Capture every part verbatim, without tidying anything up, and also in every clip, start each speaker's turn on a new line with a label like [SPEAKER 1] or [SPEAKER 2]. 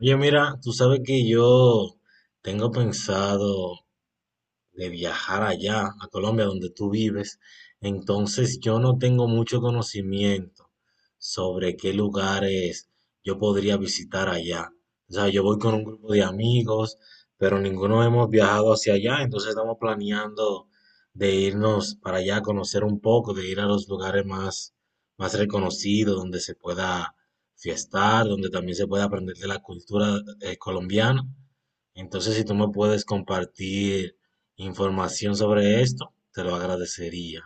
[SPEAKER 1] Oye, mira, tú sabes que yo tengo pensado de viajar allá, a Colombia, donde tú vives. Entonces yo no tengo mucho conocimiento sobre qué lugares yo podría visitar allá. O sea, yo voy con un grupo de amigos, pero ninguno hemos viajado hacia allá, entonces estamos planeando de irnos para allá a conocer un poco, de ir a los lugares más, más reconocidos, donde se pueda fiestar, donde también se pueda aprender de la cultura eh, colombiana. Entonces, si tú me puedes compartir información sobre esto, te lo agradecería.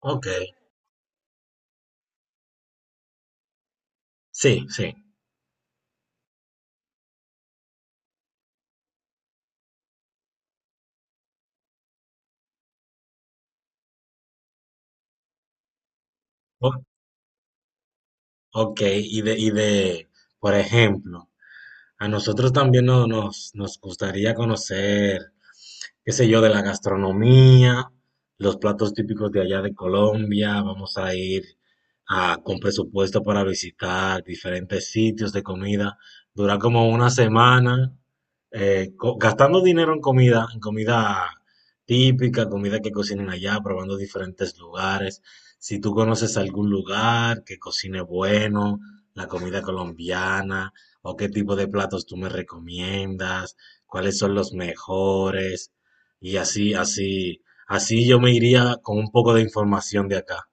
[SPEAKER 1] Ok. Sí, sí. O- ok, y de, y de, por ejemplo, a nosotros también no- nos, nos gustaría conocer qué sé yo, de la gastronomía, los platos típicos de allá de Colombia. Vamos a ir a- con presupuesto para visitar diferentes sitios de comida. Dura como una semana eh, co- gastando dinero en comida, en comida típica, comida que cocinen allá, probando diferentes lugares. Si tú conoces algún lugar que cocine bueno, la comida colombiana, o qué tipo de platos tú me recomiendas, cuáles son los mejores, y así, así, así yo me iría con un poco de información de acá.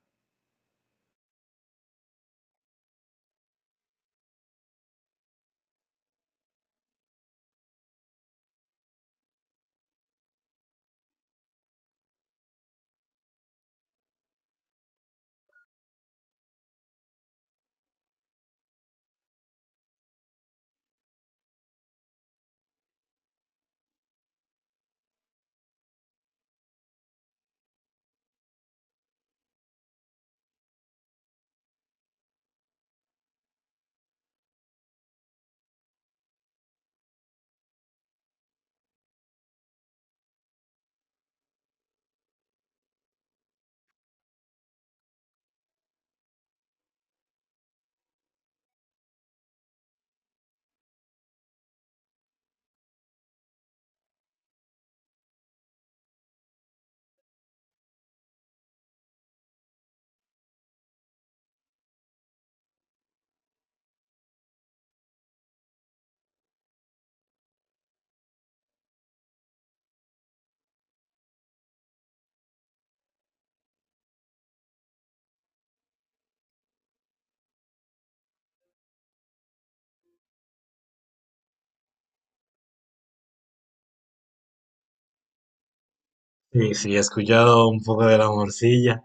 [SPEAKER 1] Sí, sí, he escuchado un poco de la morcilla.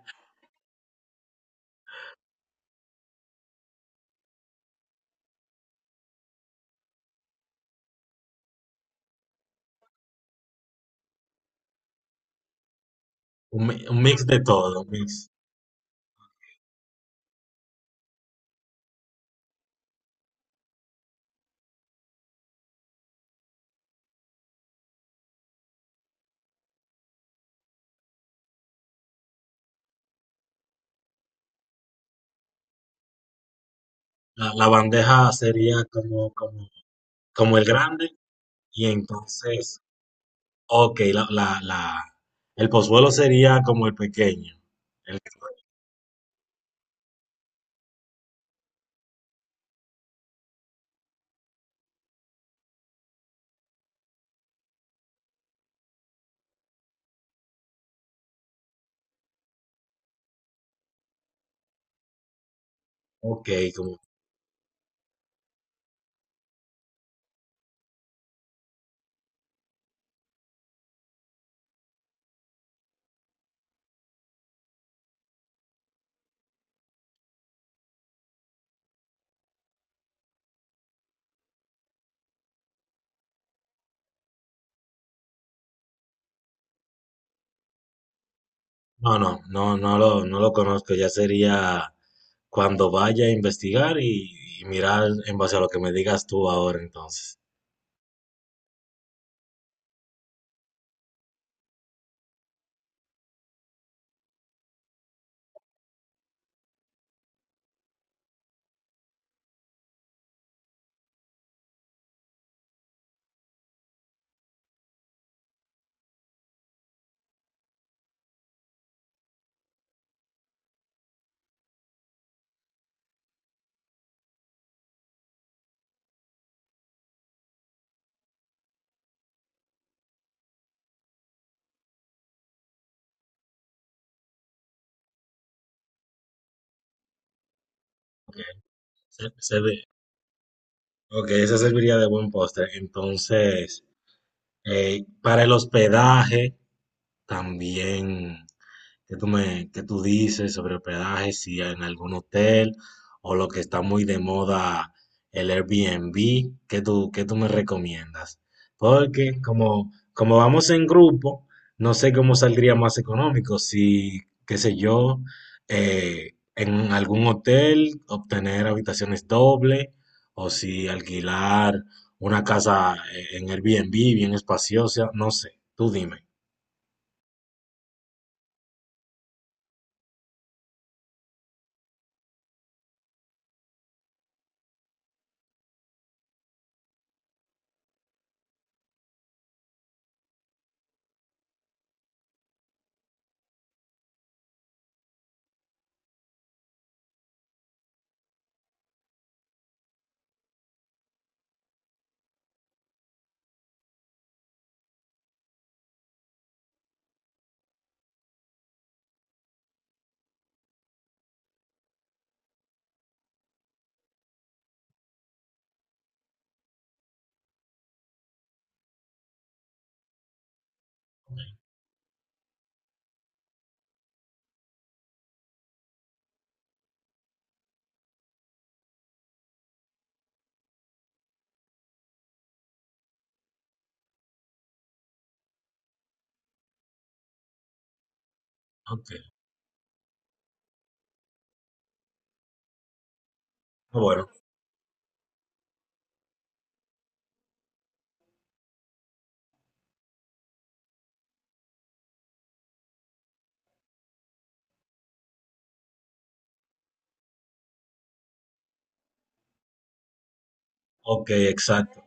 [SPEAKER 1] Un, mi- un mix de todo, un mix. La, la bandeja sería como, como, como el grande. Y entonces, ok, la, la, la, el pozuelo sería como el pequeño. El, ok, como, no, no, no, no lo, no lo conozco, ya sería cuando vaya a investigar y, y mirar en base a lo que me digas tú ahora entonces. Se, se ve- Ok, eso serviría de buen postre. Entonces, eh, para el hospedaje también. ¿Qué tú me, qué tú dices sobre hospedaje? Si en algún hotel o lo que está muy de moda, el Airbnb, ¿qué tú, qué tú me recomiendas? Porque como, como vamos en grupo, no sé cómo saldría más económico, si, qué sé yo, eh, en algún hotel obtener habitaciones doble o si alquilar una casa eh, en Airbnb bien espaciosa, no sé, tú dime. Ok. Ah, bueno, ok, exacto.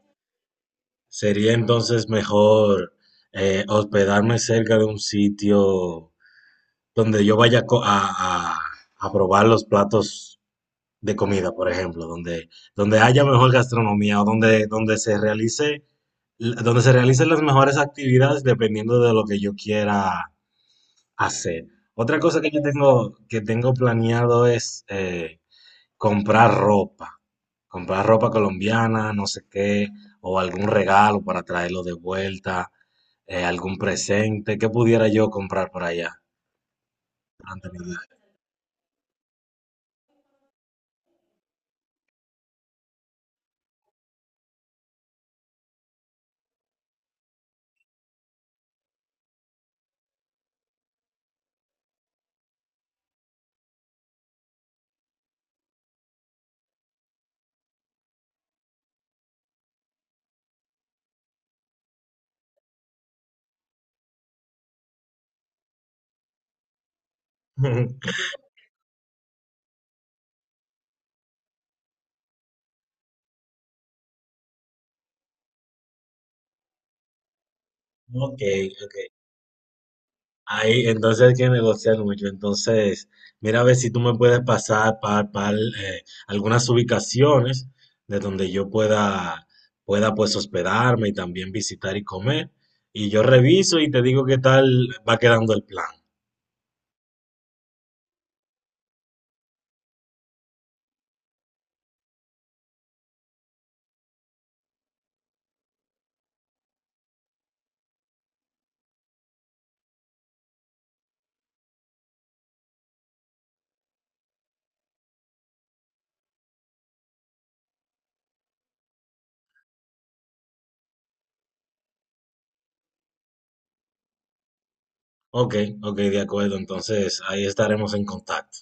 [SPEAKER 1] Sería entonces mejor eh, hospedarme cerca de un sitio donde yo vaya co- a, a- a probar los platos de comida, por ejemplo, donde, donde haya mejor gastronomía o donde, donde se realice, donde se realicen las mejores actividades dependiendo de lo que yo quiera hacer. Otra cosa que yo tengo, que tengo planeado es eh, comprar ropa, comprar ropa colombiana, no sé qué, o algún regalo para traerlo de vuelta, eh, algún presente, ¿qué pudiera yo comprar por allá? ¿Antonio? Ok, ok. Ahí entonces hay que negociar mucho. Entonces, mira a ver si tú me puedes pasar para algunas ubicaciones de donde yo pueda, pueda pues hospedarme y también visitar y comer. Y yo reviso y te digo qué tal va quedando el plan. Ok, ok, de acuerdo. Entonces ahí estaremos en contacto.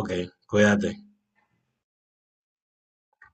[SPEAKER 1] Ok, cuídate.